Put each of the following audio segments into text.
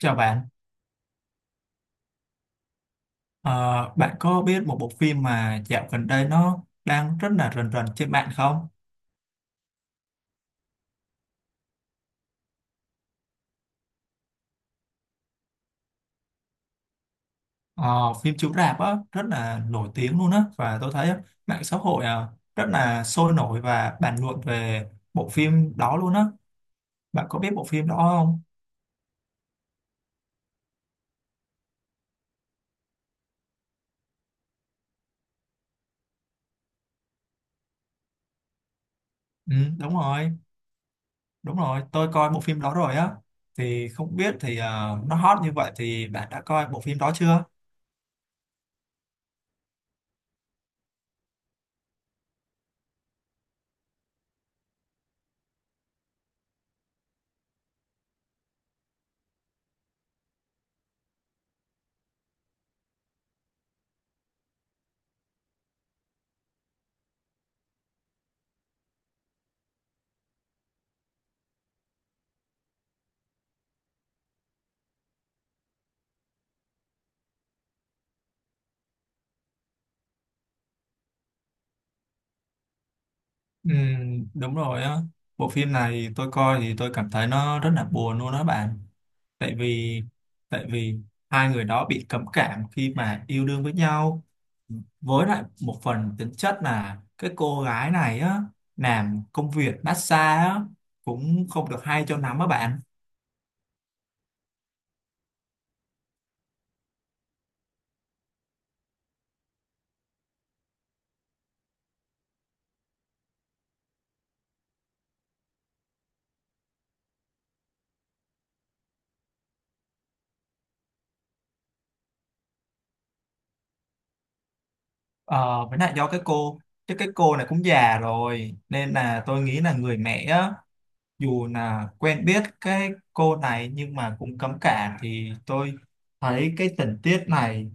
Chào bạn. Ờ, Bạn có biết một bộ phim mà dạo gần đây nó đang rất là rần rần trên mạng không? Ờ, Phim chiếu rạp á, rất là nổi tiếng luôn á và tôi thấy á, mạng xã hội à, rất là sôi nổi và bàn luận về bộ phim đó luôn á. Bạn có biết bộ phim đó không? Ừ, đúng rồi, tôi coi bộ phim đó rồi á. Thì không biết thì nó hot như vậy thì bạn đã coi bộ phim đó chưa? Ừ, đúng rồi á. Bộ phim này tôi coi thì tôi cảm thấy nó rất là buồn luôn đó bạn. Tại vì tại vì hai người đó bị cấm cảm khi mà yêu đương với nhau. Với lại một phần tính chất là cái cô gái này á, làm công việc massage á, cũng không được hay cho lắm á bạn. Ờ, với lại do cái cô, chứ cái cô này cũng già rồi nên là tôi nghĩ là người mẹ á, dù là quen biết cái cô này nhưng mà cũng cấm cản, thì tôi thấy cái tình tiết này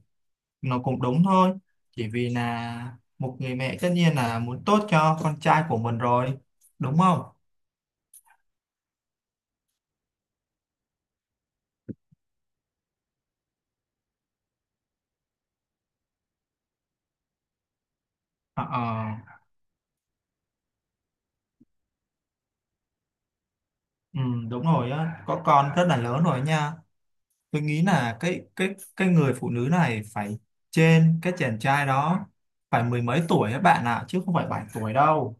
nó cũng đúng thôi, chỉ vì là một người mẹ tất nhiên là muốn tốt cho con trai của mình rồi, đúng không? Ờ, ờ, ừ, Đúng rồi á, có con rất là lớn rồi nha, tôi nghĩ là cái cái người phụ nữ này phải trên cái chàng trai đó phải mười mấy tuổi các bạn ạ, chứ không phải bảy tuổi đâu.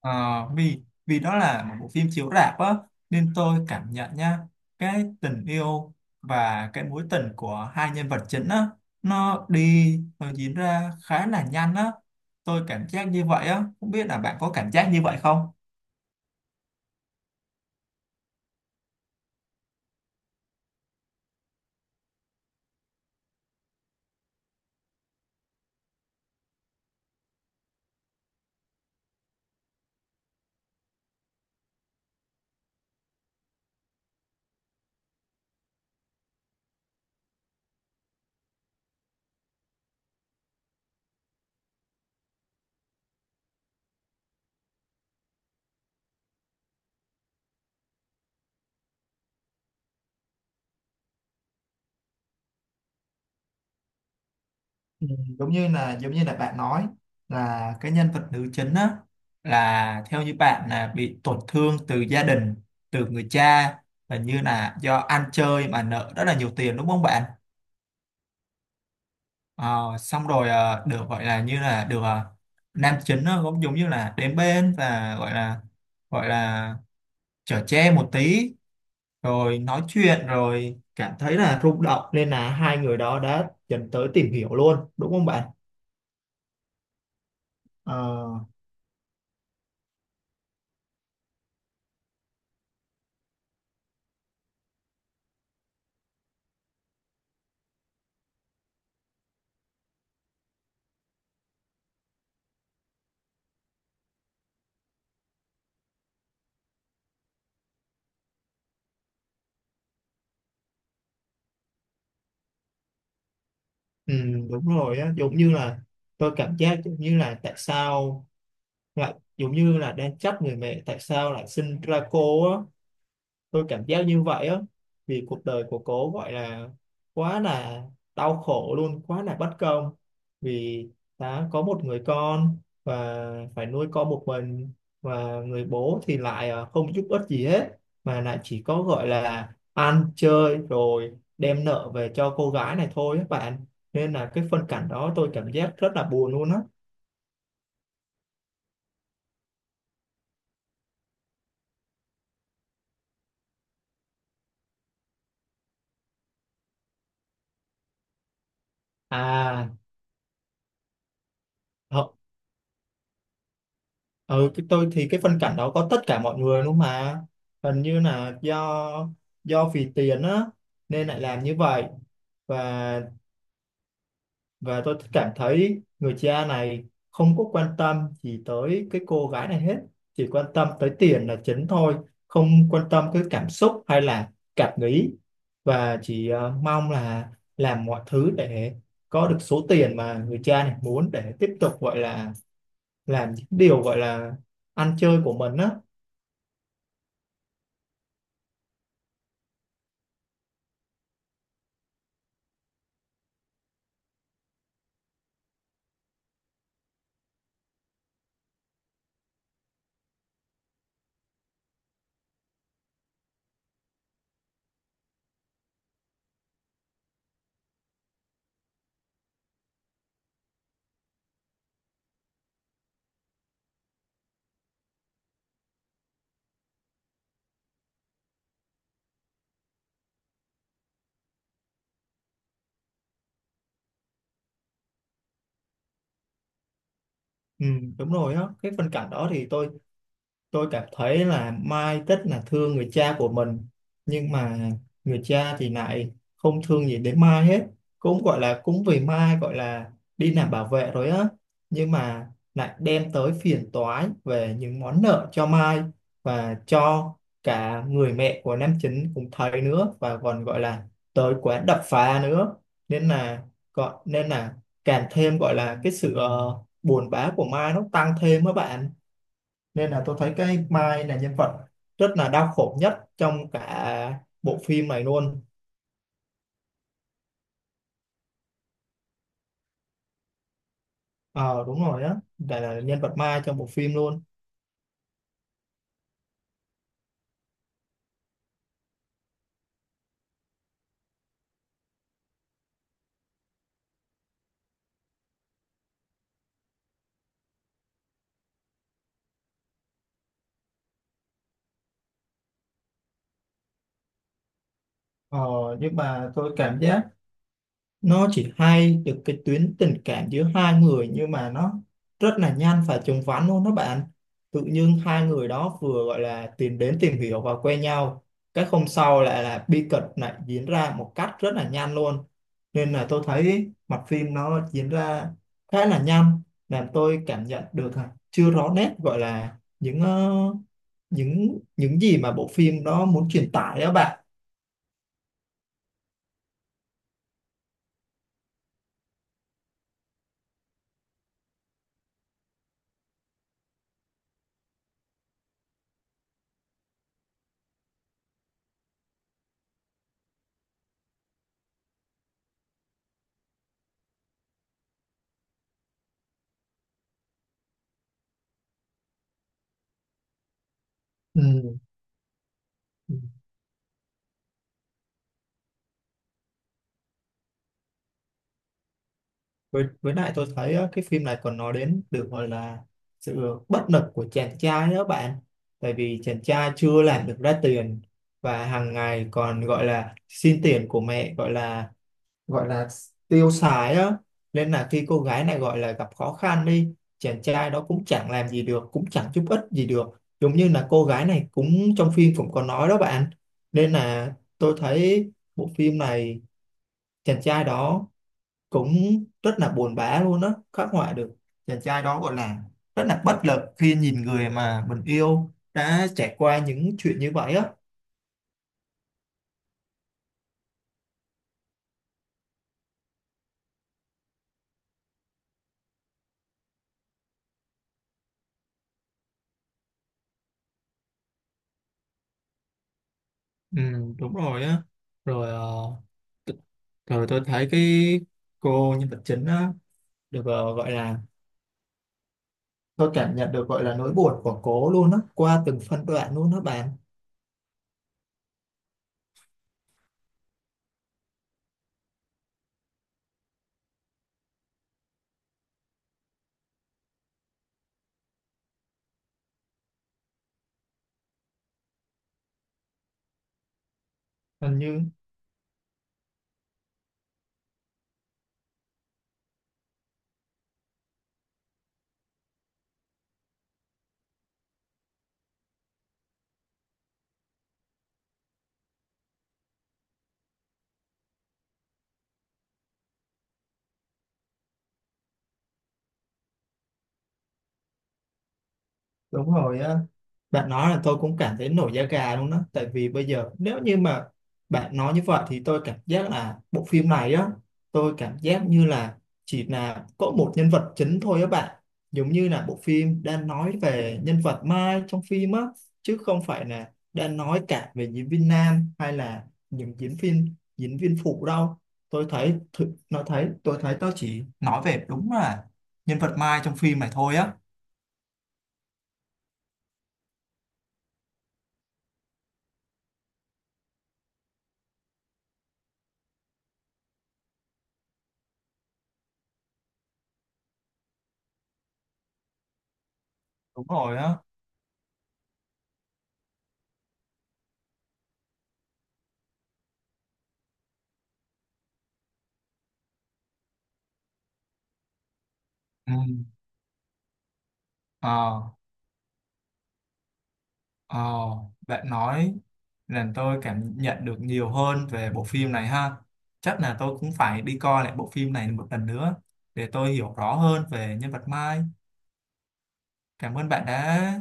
Ờ, vì vì đó là một bộ phim chiếu rạp á, nên tôi cảm nhận nha, cái tình yêu và cái mối tình của hai nhân vật chính á, nó đi nó diễn ra khá là nhanh á, tôi cảm giác như vậy á, không biết là bạn có cảm giác như vậy không? Ừ, Giống như là giống như là bạn nói là cái nhân vật nữ chính á, là theo như bạn là bị tổn thương từ gia đình, từ người cha, và như là do ăn chơi mà nợ rất là nhiều tiền, đúng không bạn? Ờ, xong rồi được gọi là như là được nam chính nó cũng giống như là đến bên và gọi là chở che một tí, rồi nói chuyện rồi cảm thấy là rung động nên là hai người đó đã dần tới tìm hiểu luôn, đúng không bạn? Ờ, ừ, Đúng rồi á, giống như là tôi cảm giác giống như là tại sao lại giống như là đang trách người mẹ tại sao lại sinh ra cô á, tôi cảm giác như vậy á, vì cuộc đời của cô gọi là quá là đau khổ luôn, quá là bất công, vì đã có một người con và phải nuôi con một mình, và người bố thì lại không giúp ích gì hết, mà lại chỉ có gọi là ăn chơi rồi đem nợ về cho cô gái này thôi các bạn, nên là cái phân cảnh đó tôi cảm giác rất là buồn luôn á. à ừ cái tôi thì cái phân cảnh đó có tất cả mọi người luôn mà, hình như là do vì tiền á nên lại làm như vậy. Và và tôi cảm thấy người cha này không có quan tâm gì tới cái cô gái này hết, chỉ quan tâm tới tiền là chính thôi, không quan tâm cái cảm xúc hay là cảm nghĩ, và chỉ mong là làm mọi thứ để có được số tiền mà người cha này muốn để tiếp tục gọi là làm những điều gọi là ăn chơi của mình á. Ừ, đúng rồi á, cái phân cảnh đó thì tôi cảm thấy là Mai rất là thương người cha của mình, nhưng mà người cha thì lại không thương gì đến Mai hết, cũng gọi là cũng vì Mai gọi là đi làm bảo vệ rồi á, nhưng mà lại đem tới phiền toái về những món nợ cho Mai và cho cả người mẹ của nam chính cũng thấy nữa, và còn gọi là tới quán đập phá nữa, nên là nên là càng thêm gọi là cái sự buồn bã của Mai nó tăng thêm á bạn, nên là tôi thấy cái Mai là nhân vật rất là đau khổ nhất trong cả bộ phim này luôn. Ờ đúng rồi á, là nhân vật Mai trong bộ phim luôn. ờ nhưng mà tôi cảm giác nó chỉ hay được cái tuyến tình cảm giữa hai người, nhưng mà nó rất là nhanh và chóng vánh luôn đó bạn, tự nhiên hai người đó vừa gọi là tìm đến tìm hiểu và quen nhau, cái hôm sau lại là bi kịch lại diễn ra một cách rất là nhanh luôn, nên là tôi thấy mặt phim nó diễn ra khá là nhanh, làm tôi cảm nhận được à, chưa rõ nét gọi là những những gì mà bộ phim đó muốn truyền tải đó bạn. Ừ. với lại tôi thấy á, cái phim này còn nói đến được gọi là sự bất lực của chàng trai đó bạn, tại vì chàng trai chưa làm được ra tiền và hàng ngày còn gọi là xin tiền của mẹ gọi là tiêu xài á, nên là khi cô gái này gọi là gặp khó khăn đi, chàng trai đó cũng chẳng làm gì được, cũng chẳng giúp ích gì được, giống như là cô gái này cũng trong phim cũng có nói đó bạn, nên là tôi thấy bộ phim này chàng trai đó cũng rất là buồn bã luôn á, khắc họa được chàng trai đó gọi là rất là bất lực khi nhìn người mà mình yêu đã trải qua những chuyện như vậy á. Ừ, đúng rồi á, rồi rồi tôi thấy cái cô nhân vật chính á được gọi là tôi cảm nhận được gọi là nỗi buồn của cô luôn á qua từng phân đoạn luôn đó bạn. Hình như Đúng rồi á, bạn nói là tôi cũng cảm thấy nổi da gà luôn đó, tại vì bây giờ nếu như mà bạn nói như vậy thì tôi cảm giác là bộ phim này á, tôi cảm giác như là chỉ là có một nhân vật chính thôi á bạn, giống như là bộ phim đang nói về nhân vật Mai trong phim á, chứ không phải là đang nói cả về diễn viên nam hay là những diễn viên phụ đâu. Nó thấy tôi chỉ nói về đúng là nhân vật Mai trong phim này thôi á. Đúng rồi á. Ừ. Ờ, ờ, Bạn nói làm tôi cảm nhận được nhiều hơn về bộ phim này ha. Chắc là tôi cũng phải đi coi lại bộ phim này một lần nữa để tôi hiểu rõ hơn về nhân vật Mai. Cảm ơn bạn đã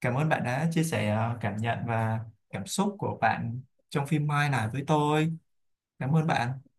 Cảm ơn bạn đã chia sẻ cảm nhận và cảm xúc của bạn trong phim Mai này với tôi. Cảm ơn bạn.